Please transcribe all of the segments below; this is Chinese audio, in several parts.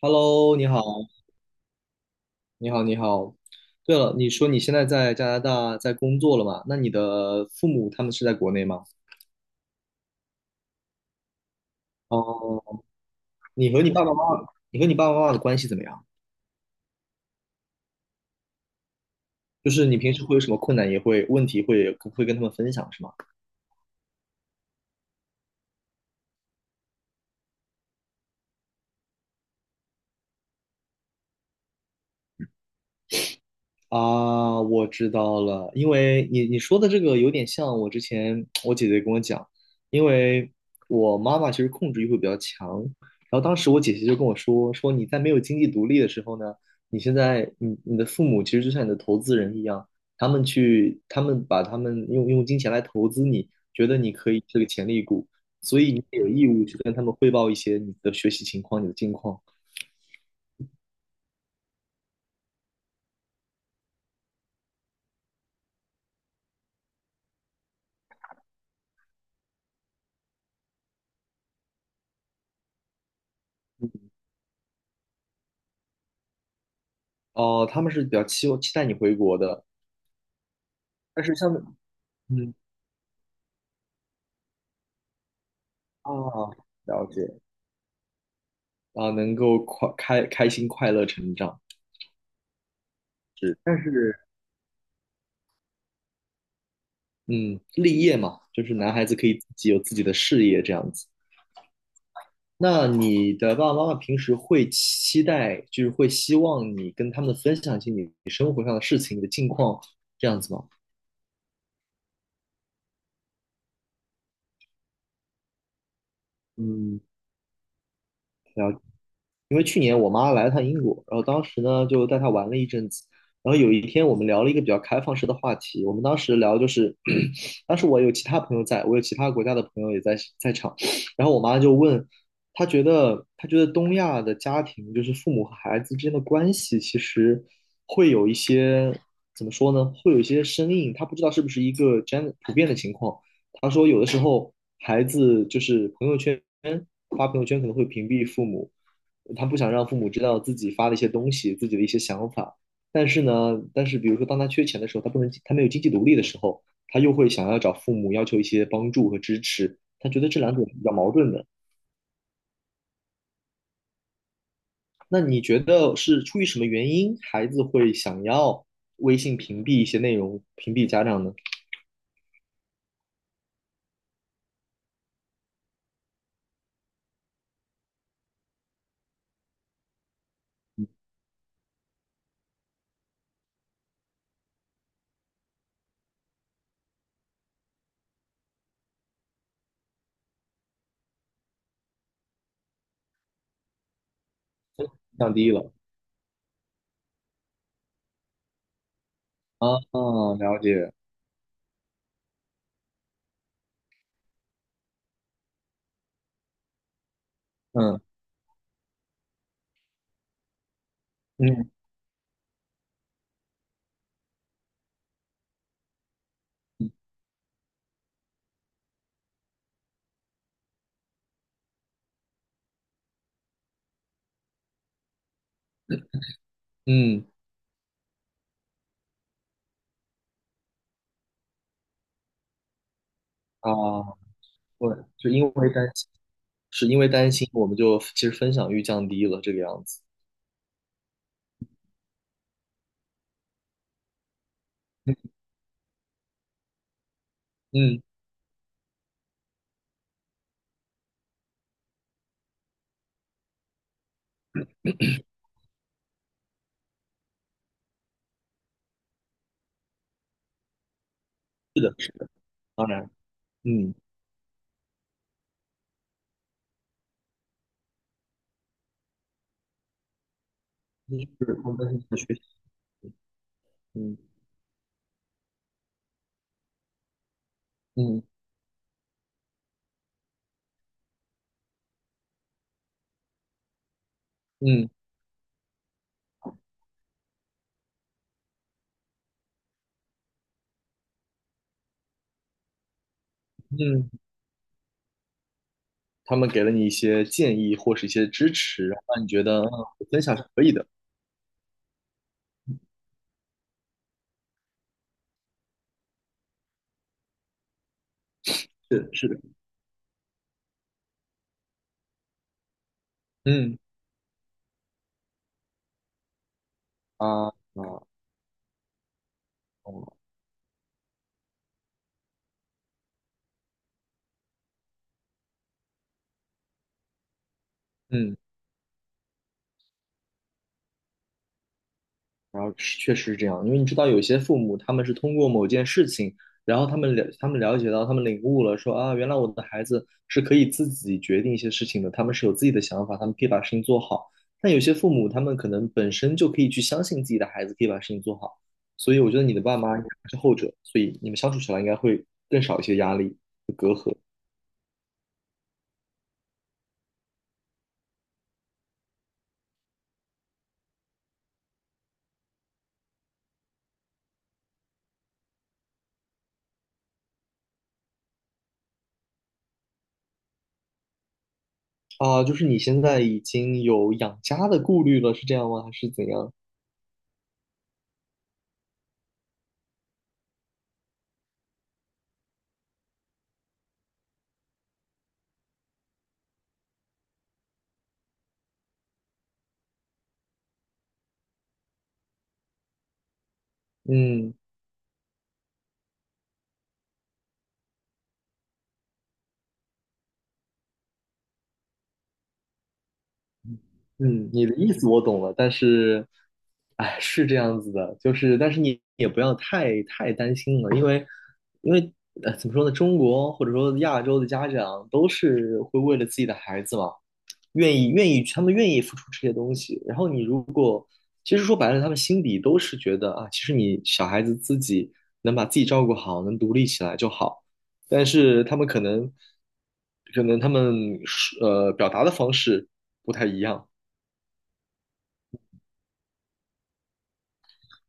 Hello，你好，你好。对了，你说你现在在加拿大在工作了嘛？那你的父母他们是在国内吗？哦，你和你爸爸妈妈的关系怎么样？就是你平时会有什么困难，也会问题会跟他们分享，是吗？啊，我知道了，因为你说的这个有点像我之前我姐姐跟我讲，因为我妈妈其实控制欲会比较强，然后当时我姐姐就跟我说，说你在没有经济独立的时候呢，你现在你的父母其实就像你的投资人一样，他们去他们把他们用用金钱来投资你，觉得你可以是个潜力股，所以你也有义务去跟他们汇报一些你的学习情况、你的近况。哦，他们是比较期待你回国的，但是像嗯。啊，了解啊，能够快开心快乐成长是，但是嗯，立业嘛，就是男孩子可以自己有自己的事业这样子。那你的爸爸妈妈平时会期待，就是会希望你跟他们分享一些你生活上的事情、你的近况这样子吗？嗯，了。因为去年我妈来了趟英国，然后当时呢就带她玩了一阵子，然后有一天我们聊了一个比较开放式的话题，我们当时聊就是，当时我有其他朋友在，我有其他国家的朋友也在场，然后我妈就问，她觉得东亚的家庭就是父母和孩子之间的关系其实会有一些怎么说呢，会有一些生硬，她不知道是不是一个 g e 普遍的情况，她说有的时候孩子就是朋友圈发朋友圈可能会屏蔽父母。他不想让父母知道自己发的一些东西，自己的一些想法。但是呢，但是比如说，当他缺钱的时候，他不能，他没有经济独立的时候，他又会想要找父母要求一些帮助和支持。他觉得这两种比较矛盾的。那你觉得是出于什么原因，孩子会想要微信屏蔽一些内容，屏蔽家长呢？降低了啊，啊了解，嗯嗯嗯啊，对，就因为担心，是因为担心，我们就其实分享欲降低了这个样子。嗯嗯是的，是当然，嗯，就是他们在学习，嗯嗯嗯嗯，他们给了你一些建议或是一些支持，然后让你觉得嗯，分享是可以的，是是的，嗯啊啊哦，嗯。嗯然后是确实是这样，因为你知道有些父母他们是通过某件事情，然后他们了解到，他们领悟了说，啊，原来我的孩子是可以自己决定一些事情的，他们是有自己的想法，他们可以把事情做好。但有些父母他们可能本身就可以去相信自己的孩子可以把事情做好，所以我觉得你的爸妈应该是后者，所以你们相处起来应该会更少一些压力和隔阂啊。就是你现在已经有养家的顾虑了，是这样吗？还是怎样？嗯。嗯，你的意思我懂了，但是，哎，是这样子的，就是，但是你也不要太担心了，因为，因为，怎么说呢，中国或者说亚洲的家长都是会为了自己的孩子嘛，愿意，他们愿意付出这些东西。然后你如其实说白了，他们心底都是觉得啊，其实你小孩子自己能把自己照顾好，能独立起来就好。但是他们可能，可能他们表达的方式不太一样。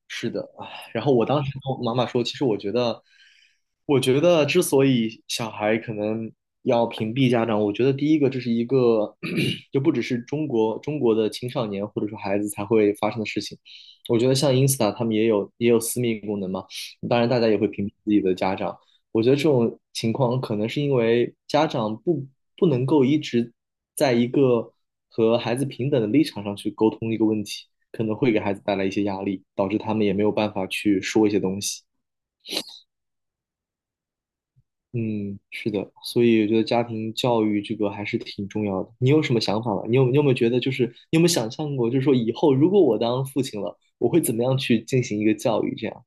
是的，唉，然后我当时跟我妈妈说，其实我觉得，我觉得之所以小孩可能要屏蔽家长，我觉得第一个这是一个，就不只是中国的青少年或者说孩子才会发生的事情。我觉得像 Insta 他们也有私密功能嘛，当然大家也会屏蔽自己的家长，我觉得这种情况可能是因为家长不能够一直在一个和孩子平等的立场上去沟通一个问题，可能会给孩子带来一些压力，导致他们也没有办法去说一些东西。嗯，是的，所以我觉得家庭教育这个还是挺重要的。你有什么想法吗？你有没有觉得，就是你有没有想象过，就是说以后如果我当父亲了，我会怎么样去进行一个教育？这样，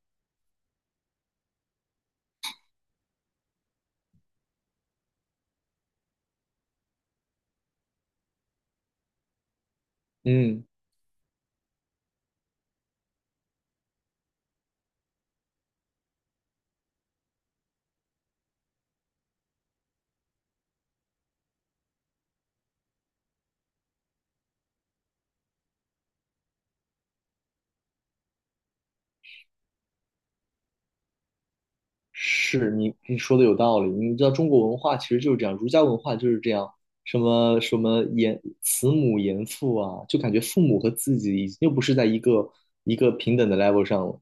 嗯是你说的有道理，你知道中国文化其实就是这样，儒家文化就是这样，什么什么严慈母严父啊，就感觉父母和自己已经又不是在一个平等的 level 上了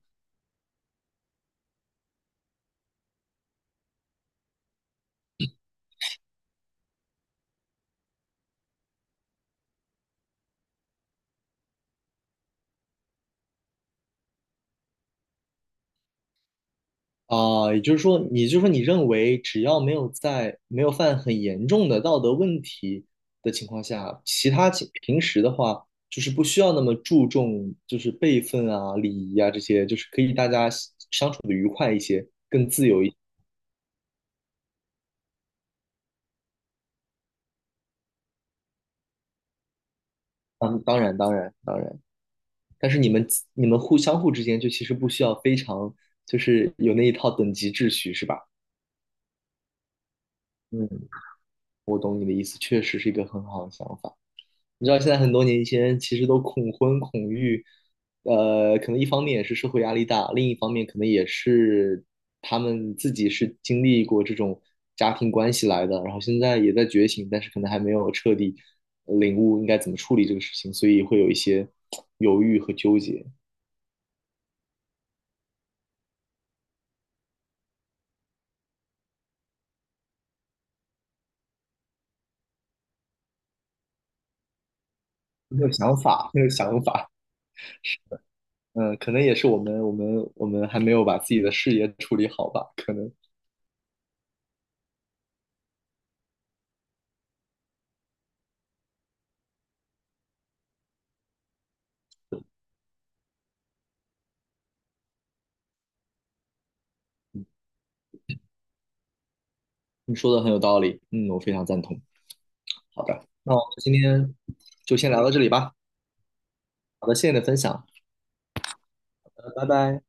啊、也就是说，也就是说，你认为只要没有在没有犯很严重的道德问题的情况下，其他情平时的话就是不需要那么注重就是辈分啊、礼仪啊这些，就是可以大家相处的愉快一些。嗯，当然，当然，当然。但是你们互相互之间就其实不需要非常就是有那一套等级秩序是吧？嗯，我懂你的意思，确实是一个很好的想法。你知道现在很多年轻人其实都恐婚恐育，可能一方面也是社会压力大，另一方面可能也是他们自己是经历过这种家庭关系来的，然后现在也在觉醒，但是可能还没有彻底领悟应该怎么处理这个事情，所以会有一些 犹豫和纠结。没有想法，没有想法。嗯，可能也是我们还没有把自己的事业处理好吧？可能你说的很有道理，嗯，我非常赞同。好的，那我们今天就先聊到这里吧。好的，谢谢你的分享，拜拜。